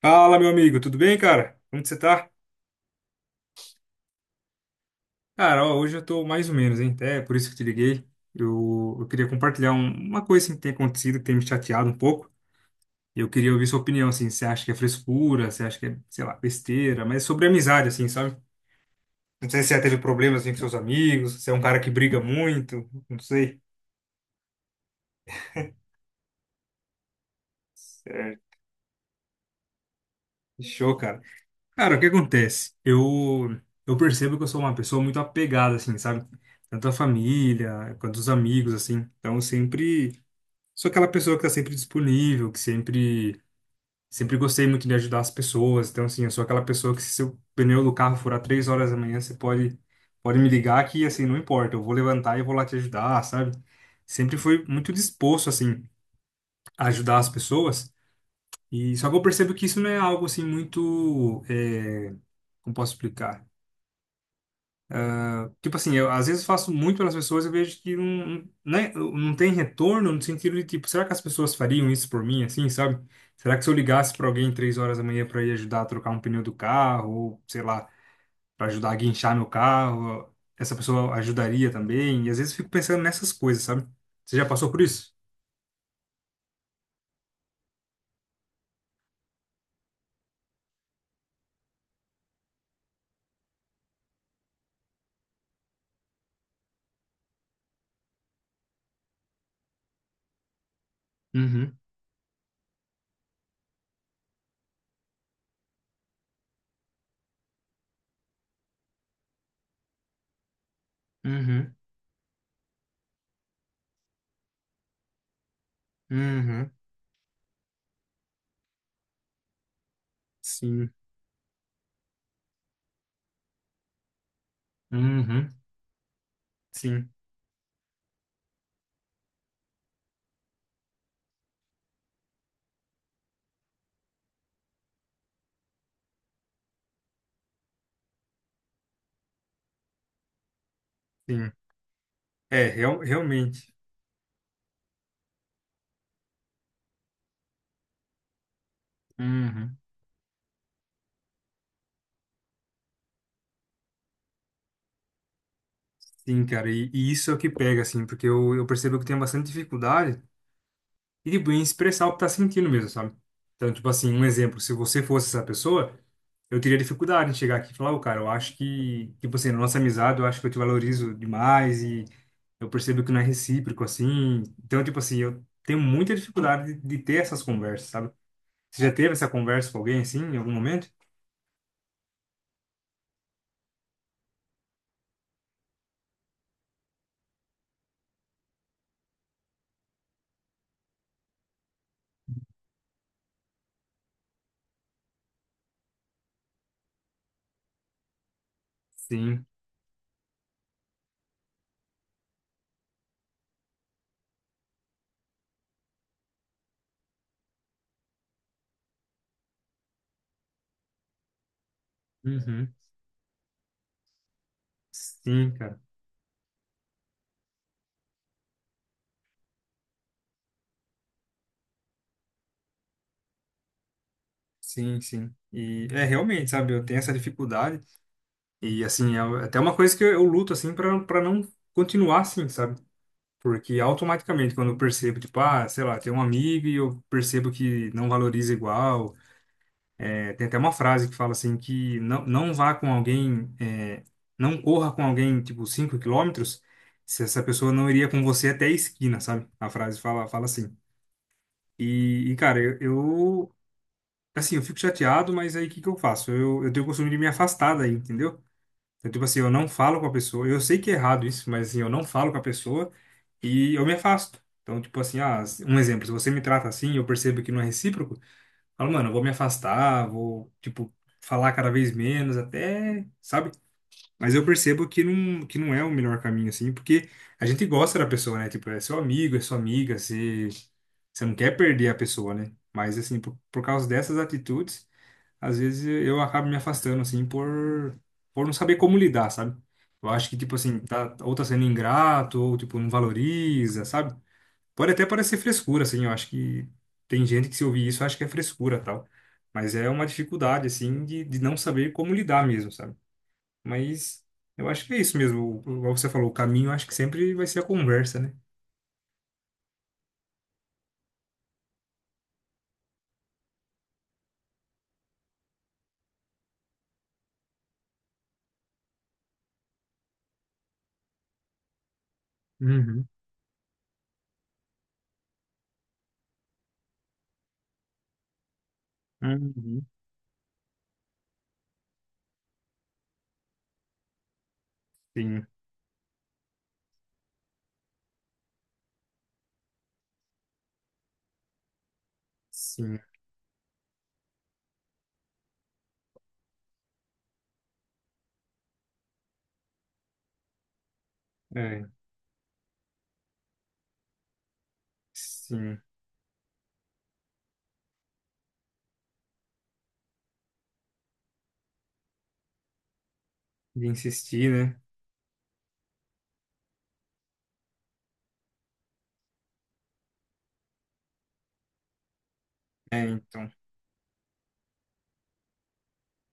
Fala, meu amigo, tudo bem, cara? Como que você tá? Cara, ó, hoje eu tô mais ou menos, hein? Até por isso que eu te liguei. Eu queria compartilhar uma coisa assim, que tem acontecido, que tem me chateado um pouco. E eu queria ouvir sua opinião, assim. Você acha que é frescura? Você acha que é, sei lá, besteira? Mas sobre amizade, assim, sabe? Não sei se você já teve problemas assim, com seus amigos, se é um cara que briga muito, não sei. É, show, cara. Cara, o que acontece? Eu percebo que eu sou uma pessoa muito apegada, assim, sabe? Tanto à família quanto aos amigos, assim. Então, eu sempre sou aquela pessoa que tá sempre disponível, que sempre, sempre gostei muito de ajudar as pessoas. Então, assim, eu sou aquela pessoa que se seu pneu do carro furar 3 horas da manhã, pode me ligar que, assim, não importa, eu vou levantar e vou lá te ajudar, sabe? Sempre fui muito disposto, assim, a ajudar as pessoas. E só que eu percebo que isso não é algo, assim, muito, como posso explicar? Tipo assim, eu às vezes faço muito pelas pessoas eu vejo que não, né, não tem retorno no sentido de, tipo, será que as pessoas fariam isso por mim, assim, sabe? Será que se eu ligasse para alguém 3 horas da manhã para ir ajudar a trocar um pneu do carro, ou sei lá, para ajudar a guinchar meu carro, essa pessoa ajudaria também? E às vezes eu fico pensando nessas coisas, sabe? Você já passou por isso? Uhum, uhum, uhum, sim, uhum, sim, sim. É, real, realmente. Uhum. Sim, cara, e isso é o que pega, assim, porque eu percebo que tenho bastante dificuldade e, tipo, em expressar o que tá sentindo mesmo, sabe? Então, tipo assim, um exemplo, se você fosse essa pessoa, eu teria dificuldade em chegar aqui e falar, ô, cara, eu acho que, tipo assim, na nossa amizade, eu acho que eu te valorizo demais e eu percebo que não é recíproco, assim. Então, tipo assim, eu tenho muita dificuldade de ter essas conversas, sabe? Você já teve essa conversa com alguém, assim, em algum momento? Sim. Uhum. Sim, cara. Sim, sim. E é realmente, sabe, eu tenho essa dificuldade. E assim, é até uma coisa que eu luto assim para não continuar assim, sabe? Porque automaticamente quando eu percebo, tipo, ah, sei lá, tem um amigo e eu percebo que não valoriza igual. É, tem até uma frase que fala assim que não, não vá com alguém, não corra com alguém, tipo, 5 quilômetros, se essa pessoa não iria com você até a esquina, sabe? A frase fala, fala assim. E, e, cara, eu, eu, assim, eu fico chateado, mas aí o que que eu faço? Eu tenho o costume de me afastar daí, entendeu? Então, tipo assim, eu não falo com a pessoa. Eu sei que é errado isso, mas assim, eu não falo com a pessoa e eu me afasto. Então, tipo assim, ah, um exemplo, se você me trata assim, e eu percebo que não é recíproco, eu falo, mano, eu vou me afastar, vou, tipo, falar cada vez menos, até, sabe? Mas eu percebo que não é o melhor caminho, assim, porque a gente gosta da pessoa, né? Tipo, é seu amigo, é sua amiga, você, você não quer perder a pessoa, né? Mas, assim, por causa dessas atitudes às vezes eu acabo me afastando, assim, por não saber como lidar, sabe? Eu acho que, tipo assim, tá, ou tá sendo ingrato, ou, tipo, não valoriza, sabe? Pode até parecer frescura, assim, eu acho que tem gente que se ouvir isso acha que é frescura, tal. Mas é uma dificuldade, assim, de não saber como lidar mesmo, sabe? Mas eu acho que é isso mesmo. O- Igual você falou, o caminho, eu acho que sempre vai ser a conversa, né? Uhum, uhum. Sim, sim, é, sim. De insistir, né? É, então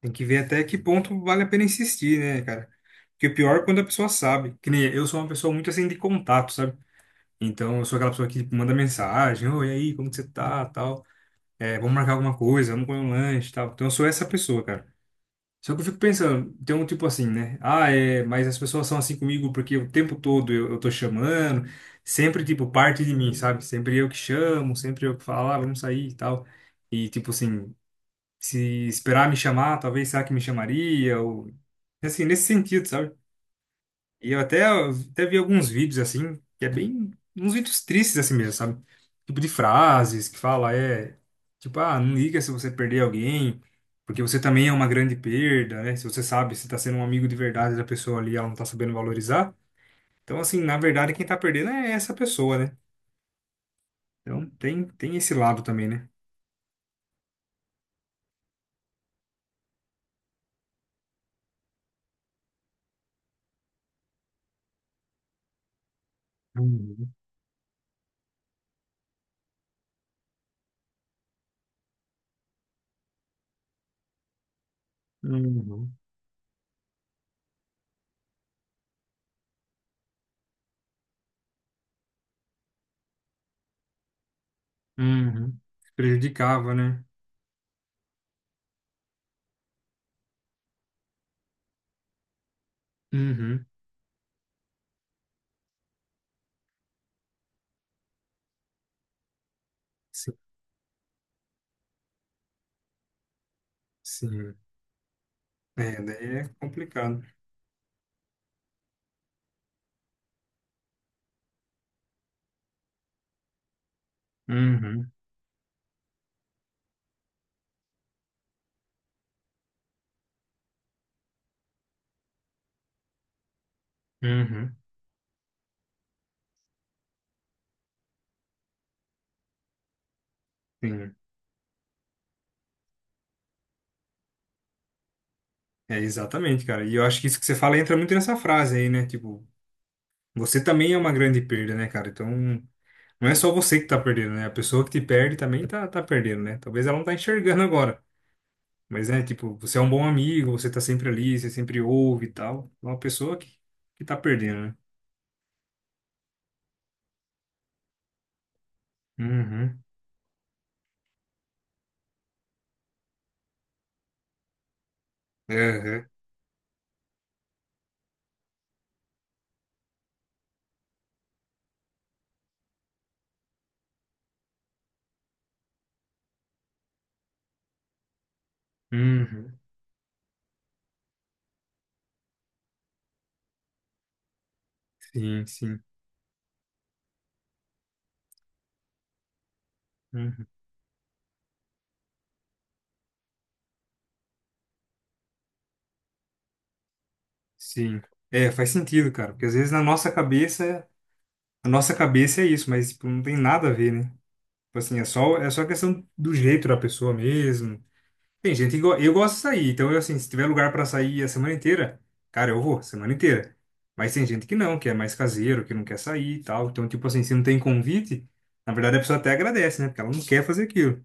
tem que ver até que ponto vale a pena insistir, né, cara? Porque o pior é quando a pessoa sabe. Que nem eu sou uma pessoa muito assim de contato, sabe? Então eu sou aquela pessoa que manda mensagem, oi, e aí, como que você tá, tal. É, vamos marcar alguma coisa, vamos comer um lanche, tal. Então eu sou essa pessoa, cara. Só que eu fico pensando, tem um tipo assim, né? Ah, é, mas as pessoas são assim comigo porque o tempo todo eu tô chamando, sempre, tipo, parte de mim, sabe? Sempre eu que chamo, sempre eu que falo, ah, vamos sair e tal. E, tipo assim, se esperar me chamar, talvez será que me chamaria? Ou... Assim, nesse sentido, sabe? E eu até vi alguns vídeos assim, que é bem. Uns vídeos tristes assim mesmo, sabe? Tipo de frases que fala, é. Tipo, ah, não liga se você perder alguém, porque você também é uma grande perda, né? Se você sabe, se tá sendo um amigo de verdade da pessoa ali, ela não tá sabendo valorizar. Então, assim, na verdade, quem tá perdendo é essa pessoa, né? Então, tem esse lado também, né? Uhum, uhum, uhum. Prejudicava, né? Uhum. Sim, sim. É, daí é complicado. Uhum, uhum, sim. É, exatamente, cara. E eu acho que isso que você fala entra muito nessa frase aí, né? Tipo, você também é uma grande perda, né, cara? Então, não é só você que tá perdendo, né? A pessoa que te perde também tá, tá perdendo, né? Talvez ela não tá enxergando agora. Mas, né, tipo, você é um bom amigo, você tá sempre ali, você sempre ouve e tal. É uma pessoa que tá perdendo, né? Uhum. Uhum. Uhum. Sim, sim. Uhum. Sim. É, faz sentido, cara. Porque às vezes na nossa cabeça a nossa cabeça é isso, mas tipo, não tem nada a ver, né? Tipo assim, é só questão do jeito da pessoa mesmo. Tem gente que eu gosto de sair, então eu assim, se tiver lugar pra sair a semana inteira, cara, eu vou, a semana inteira. Mas tem gente que não, que é mais caseiro, que não quer sair e tal. Então, tipo assim, se não tem convite, na verdade a pessoa até agradece, né? Porque ela não quer fazer aquilo.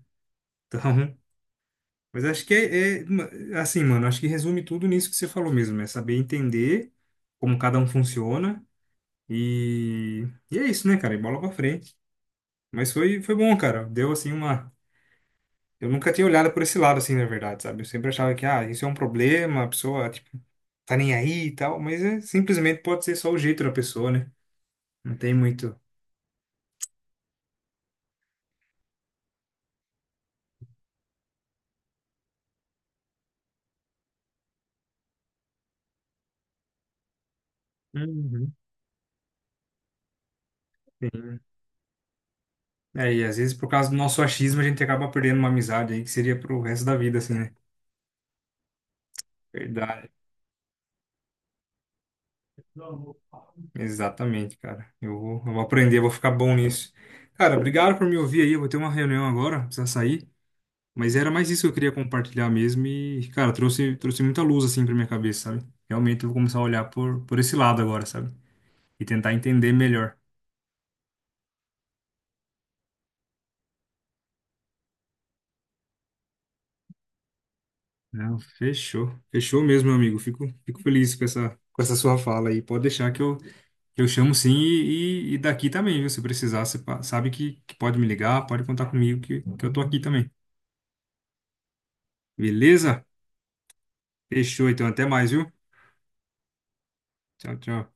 Então, mas acho que assim, mano, acho que resume tudo nisso que você falou mesmo, é saber entender como cada um funciona e é isso, né, cara? E bola pra frente. Mas foi bom, cara. Deu assim uma. Eu nunca tinha olhado por esse lado, assim, na verdade, sabe? Eu sempre achava que, ah, isso é um problema, a pessoa, tipo, tá nem aí e tal, mas é, simplesmente pode ser só o jeito da pessoa, né? Não tem muito. Uhum. Sim. É, e às vezes por causa do nosso achismo a gente acaba perdendo uma amizade aí que seria pro resto da vida, assim, né? Verdade. Exatamente, cara. Eu vou aprender, vou ficar bom nisso. Cara, obrigado por me ouvir aí. Eu vou ter uma reunião agora, precisa sair. Mas era mais isso que eu queria compartilhar mesmo e, cara, trouxe muita luz assim pra minha cabeça, sabe? Realmente eu vou começar a olhar por esse lado agora, sabe? E tentar entender melhor. Não, fechou. Fechou mesmo, meu amigo. Fico feliz com essa sua fala aí. Pode deixar que eu chamo sim e daqui também, viu? Se precisar, sabe que pode me ligar, pode contar comigo que eu tô aqui também. Beleza? Fechou, então. Até mais, viu? Tchau, tchau.